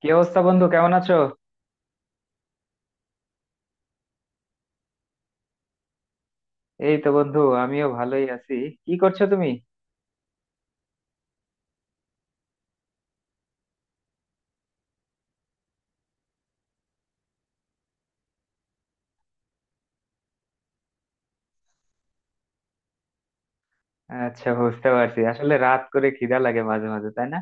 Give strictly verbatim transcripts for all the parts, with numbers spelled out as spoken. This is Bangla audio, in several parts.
কি অবস্থা, বন্ধু? কেমন আছো? এই তো বন্ধু, আমিও ভালোই আছি। কি করছো তুমি? আচ্ছা, বুঝতে পারছি। আসলে রাত করে খিদা লাগে মাঝে মাঝে, তাই না?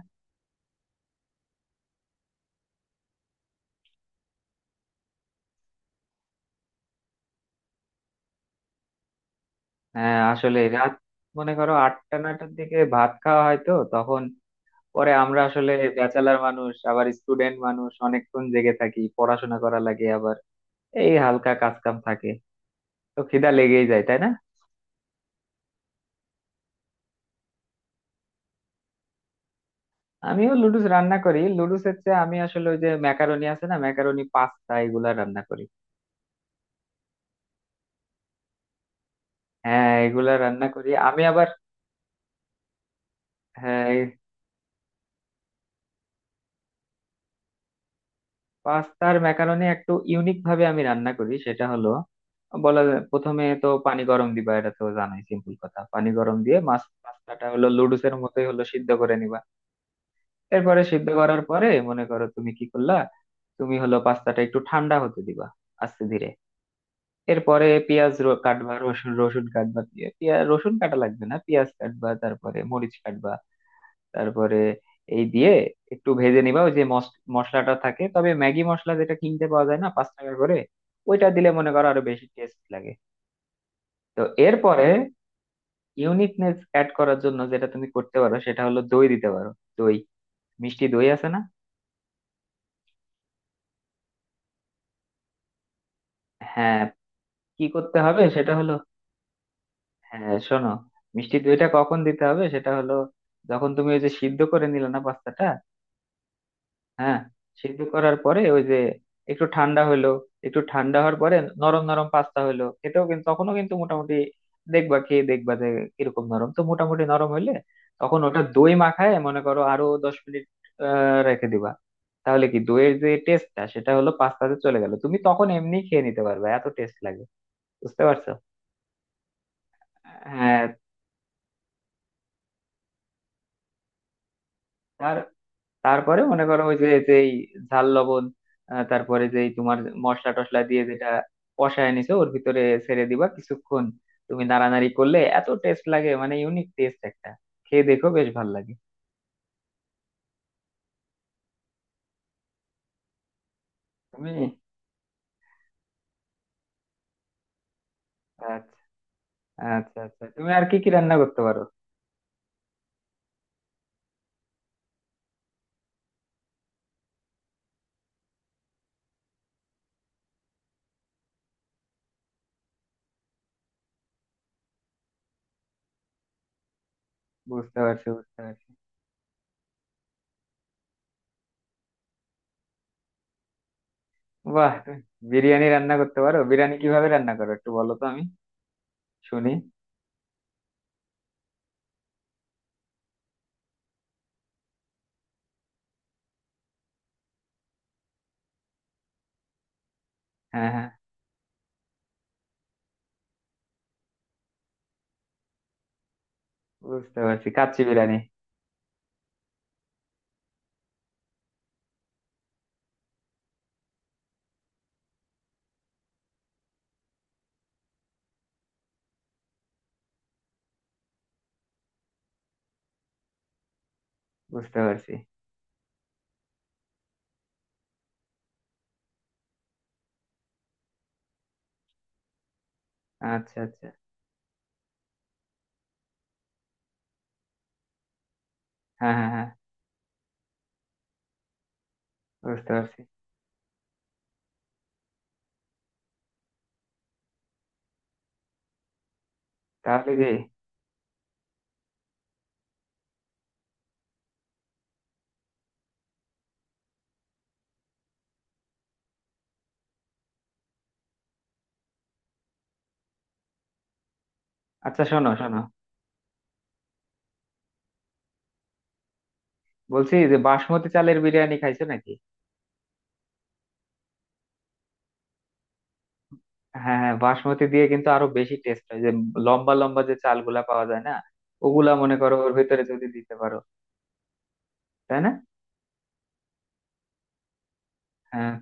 হ্যাঁ, আসলে রাত মনে করো আটটা নটার দিকে ভাত খাওয়া হয়, তো তখন পরে আমরা আসলে ব্যাচেলার মানুষ, আবার স্টুডেন্ট মানুষ, অনেকক্ষণ জেগে থাকি, পড়াশোনা করা লাগে, আবার এই হালকা কাজ কাম থাকে। তো খিদা লেগেই যায়, তাই না? আমিও লুডুস রান্না করি। লুডুস হচ্ছে আমি আসলে ওই যে ম্যাকারনি আছে না, ম্যাকারনি পাস্তা এগুলা রান্না করি। হ্যাঁ, এগুলা রান্না করি আমি আবার। হ্যাঁ এই পাস্তার ম্যাকারনি একটু ইউনিক ভাবে আমি রান্না করি। সেটা হলো বলা যায়- প্রথমে তো পানি গরম দিবা, এটা তো জানোই, সিম্পল কথা। পানি গরম দিয়ে মাছ পাস্তাটা হলো লুডুসের মতোই হলো, সিদ্ধ করে নিবা। এরপরে সিদ্ধ করার পরে মনে করো তুমি কি করলা, তুমি হলো পাস্তাটা একটু ঠান্ডা হতে দিবা, আস্তে ধীরে। এরপরে পেঁয়াজ র- কাটবা, রসুন রসুন কাটবা। পেঁয়াজ রসুন কাটা লাগবে না, পেঁয়াজ কাটবা, তারপরে মরিচ কাটবা। তারপরে এই দিয়ে একটু ভেজে নিবা। ওই যে মস- মশলাটা থাকে, তবে ম্যাগি মশলা যেটা কিনতে পাওয়া যায় না পাঁচ টাকা করে, ওইটা দিলে মনে করো আরো বেশি টেস্ট লাগে। তো এরপরে ইউনিকনেস অ্যাড করার জন্য যেটা তুমি করতে পারো সেটা হলো দই দিতে পারো। দই, মিষ্টি দই আছে না? হ্যাঁ, কি করতে হবে সেটা হলো, হ্যাঁ শোনো, মিষ্টি দইটা কখন দিতে হবে সেটা হলো, যখন তুমি ওই যে সিদ্ধ করে নিলে না পাস্তাটা। হ্যাঁ, সিদ্ধ করার পরে ওই যে একটু ঠান্ডা হলো, একটু ঠান্ডা হওয়ার পরে নরম নরম পাস্তা হলো, এটাও কিন্তু তখনও কিন্তু মোটামুটি দেখবা, খেয়ে দেখবা যে কিরকম নরম। তো মোটামুটি নরম হলে তখন ওটা দই মাখায় মনে করো আরো দশ মিনিট আহ, রেখে দিবা। তাহলে কি দইয়ের যে টেস্টটা সেটা হলো পাস্তাতে চলে গেল, তুমি তখন এমনি খেয়ে নিতে পারবে, এত টেস্ট লাগে। বুঝতে পারছো? হ্যাঁ, তার তারপরে মনে করো ওই যে যেই ঝাল লবণ আহ, তারপরে যেই তোমার মশলা টশলা দিয়ে যেটা কষায় নিছো, ওর ভিতরে ছেড়ে দিবা কিছুক্ষণ, তুমি নাড়ানাড়ি করলে এত টেস্ট লাগে, মানে ইউনিক টেস্ট একটা। খেয়ে দেখো, বেশ ভালো লাগে। তুমি আচ্ছা আচ্ছা। আচ্ছা, তুমি আর কি কি রান্না করতে পারো? বুঝতে পারছি, বুঝতে পারছি। বাহ তুমি বিরিয়ানি রান্না করতে পারো? বিরিয়ানি কিভাবে রান্না করো একটু বলো তো, আমি শুনি। হ্যাঁ হ্যাঁ, বুঝতে পারছি। কাচ্চি বিরিয়ানি, বুঝতে পারছি। আচ্ছা আচ্ছা, হ্যাঁ হ্যাঁ হ্যাঁ, বুঝতে পারছি। তাহলে কি আচ্ছা, শোনো শোনো, বলছি যে বাসমতি চালের বিরিয়ানি খাইছো নাকি? হ্যাঁ হ্যাঁ, বাসমতি দিয়ে কিন্তু আরো বেশি টেস্ট হয় যে, লম্বা লম্বা যে চালগুলা পাওয়া যায় না, ওগুলা মনে করো ওর ভিতরে যদি দিতে পারো। তাই না? হ্যাঁ,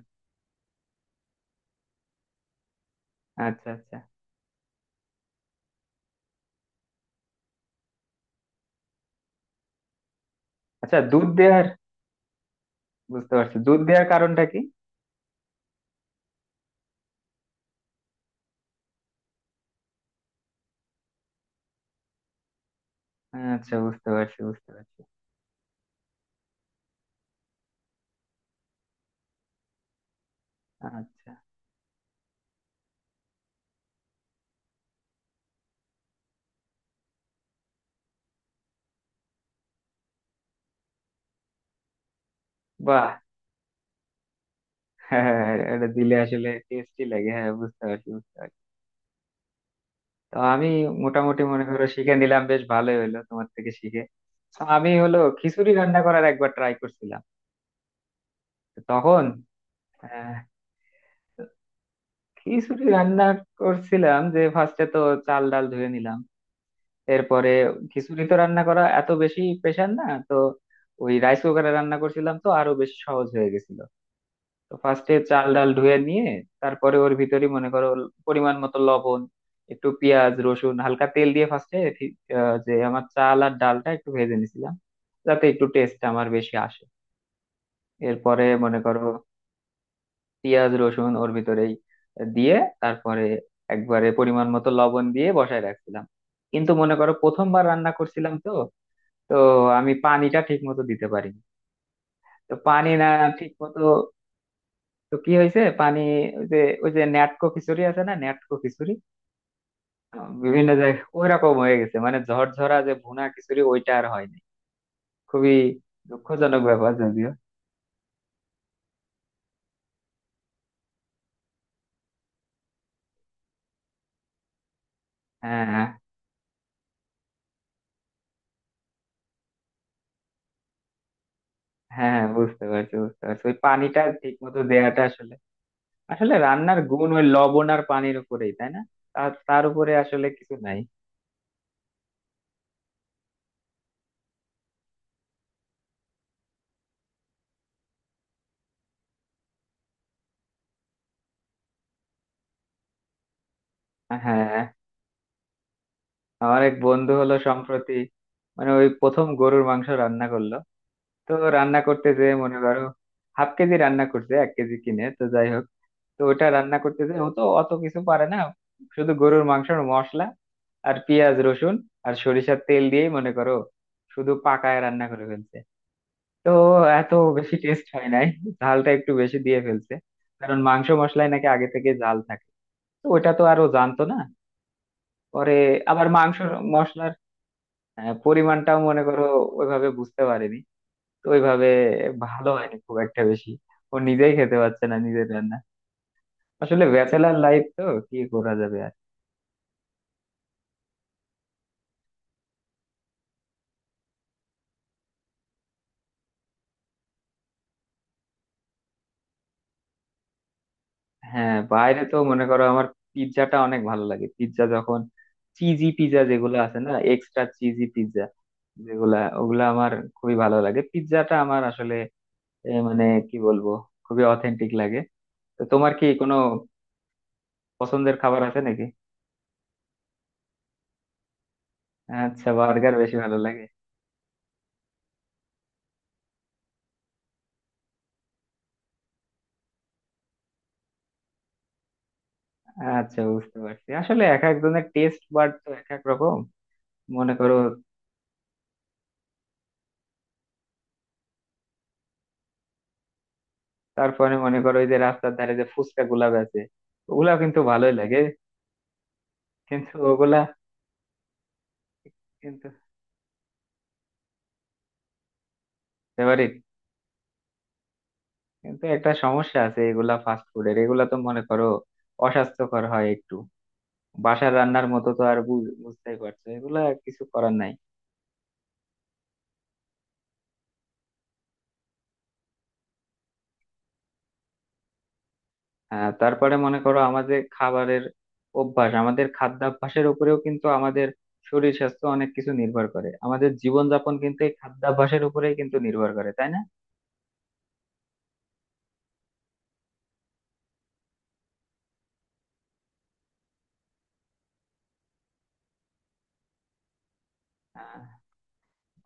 আচ্ছা আচ্ছা। আচ্ছা, দুধ দেওয়ার, বুঝতে পারছি, দুধ দেওয়ার কারণটা কি? হ্যাঁ, আচ্ছা, বুঝতে পারছি, বুঝতে পারছি। আচ্ছা। বাহ হ্যাঁ, হ্যাঁ, হ্যাঁ, এটা দিলে আসলে টেস্টি লাগে। হ্যাঁ, বুঝতে পারছি, বুঝতে পারছি। তো আমি মোটামুটি মনে করো শিখে নিলাম, বেশ ভালোই হলো তোমার থেকে শিখে। তো আমি হলো খিচুড়ি রান্না করার একবার ট্রাই করছিলাম তখন। আহ, খিচুড়ি রান্না করছিলাম যে ফার্স্টে তো চাল ডাল ধুয়ে নিলাম। এরপরে খিচুড়ি তো রান্না করা এত বেশি প্রেশার না তো, ওই রাইস কুকারে রান্না করছিলাম তো আরো বেশি সহজ হয়ে গেছিল। তো ফার্স্টে চাল ডাল ধুয়ে নিয়ে তারপরে ওর ভিতরে মনে করো পরিমাণ মতো লবণ, একটু পেঁয়াজ রসুন হালকা তেল দিয়ে ফার্স্টে যে আমার চাল আর ডালটা একটু ভেজে নিছিলাম, যাতে একটু টেস্ট আমার বেশি আসে। এরপরে মনে করো পেঁয়াজ রসুন ওর ভিতরেই দিয়ে তারপরে একবারে পরিমাণ মতো লবণ দিয়ে বসায় রাখছিলাম। কিন্তু মনে করো প্রথমবার রান্না করছিলাম তো, তো আমি পানিটা ঠিক মতো দিতে পারিনি। তো পানি না ঠিক মতো, তো কি হয়েছে, পানি ওই যে, ওই যে ন্যাটকো খিচুড়ি আছে না, ন্যাটকো খিচুড়ি আহ, বিভিন্ন জায়গায় ওই রকম হয়ে গেছে, মানে ঝরঝরা যে ভুনা খিচুড়ি ওইটা আর হয়নি। খুবই দুঃখজনক ব্যাপার যদিও। হ্যাঁ হ্যাঁ হ্যাঁ, বুঝতে পারছি, বুঝতে পারছি। ওই পানিটা ঠিক মতো দেয়াটা আসলে, আসলে রান্নার গুণ ওই লবণ আর পানির উপরেই, তাই না? তার তার উপরে আসলে কিছু নাই। হ্যাঁ, আমার এক বন্ধু হলো সম্প্রতি, মানে ওই প্রথম গরুর মাংস রান্না করলো। তো রান্না করতে যে মনে করো হাফ কেজি রান্না করছে এক কেজি কিনে, তো যাই হোক, তো ওটা রান্না করতে যে ও তো অত কিছু পারে না, শুধু গরুর মাংসের মশলা আর পেঁয়াজ রসুন আর সরিষার তেল দিয়েই মনে করো শুধু পাকায় রান্না করে ফেলছে। তো এত বেশি টেস্ট হয় নাই, ঝালটা একটু বেশি দিয়ে ফেলছে, কারণ মাংস মশলায় নাকি আগে থেকে ঝাল থাকে, তো ওটা তো আরো জানতো না। পরে আবার মাংস মশলার আহ, পরিমাণটাও মনে করো ওইভাবে বুঝতে পারেনি। তো ওইভাবে ভালো হয়নি খুব একটা বেশি, ও নিজেই খেতে পারছে না নিজের রান্না। আসলে ব্যাচেলার লাইফ তো, কি করা যাবে আর। হ্যাঁ বাইরে তো মনে করো আমার পিৎজাটা অনেক ভালো লাগে, পিৎজা যখন চিজি পিৎজা যেগুলো আছে না, এক্সট্রা চিজি পিৎজা যেগুলা, ওগুলা আমার খুবই ভালো লাগে। পিৎজাটা আমার আসলে এ, মানে কি বলবো, খুবই অথেন্টিক লাগে। তো তোমার কি কোনো পছন্দের খাবার আছে নাকি? আচ্ছা, বার্গার বেশি ভালো লাগে। আচ্ছা, বুঝতে পারছি। আসলে এক একজনের টেস্ট বাড তো এক এক রকম, মনে করো। তারপরে মনে করো ওই যে রাস্তার ধারে যে ফুচকা গুলা বেচে, ওগুলা কিন্তু ভালোই লাগে। কিন্তু ওগুলা কিন্তু, বুঝতে পারি, কিন্তু একটা সমস্যা আছে, এগুলা ফাস্ট ফুডের, এগুলা তো মনে করো অস্বাস্থ্যকর হয় একটু, বাসার রান্নার মতো তো আর বু- বুঝতেই পারছো, এগুলা আর কিছু করার নাই। আহ, তারপরে মনে করো আমাদের খাবারের অভ্যাস, আমাদের খাদ্যাভ্যাসের উপরেও কিন্তু আমাদের শরীর স্বাস্থ্য অনেক কিছু নির্ভর করে। আমাদের জীবনযাপন কিন্তু এই খাদ্যাভ্যাসের উপরেই কিন্তু নির্ভর করে, তাই না? আহ,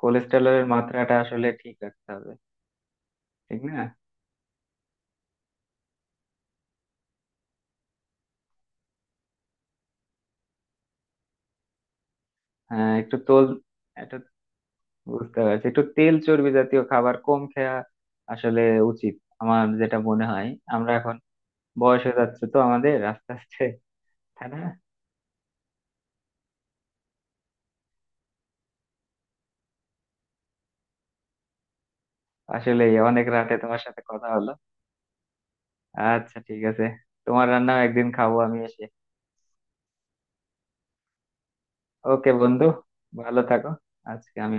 কোলেস্টেরলের মাত্রাটা আসলে ঠিক রাখতে হবে, ঠিক না? হ্যাঁ একটু তোল, বুঝতে পারছি, একটু তেল চর্বি জাতীয় খাবার কম খাওয়া আসলে উচিত, আমার যেটা মনে হয়। আমরা এখন বয়স হয়ে যাচ্ছে তো আমাদের, আস্তে আস্তে, তাই না? আসলে অনেক রাতে তোমার সাথে কথা হলো। আচ্ছা, ঠিক আছে, তোমার রান্না একদিন খাবো আমি এসে। ওকে বন্ধু, ভালো থাকো। আজকে আমি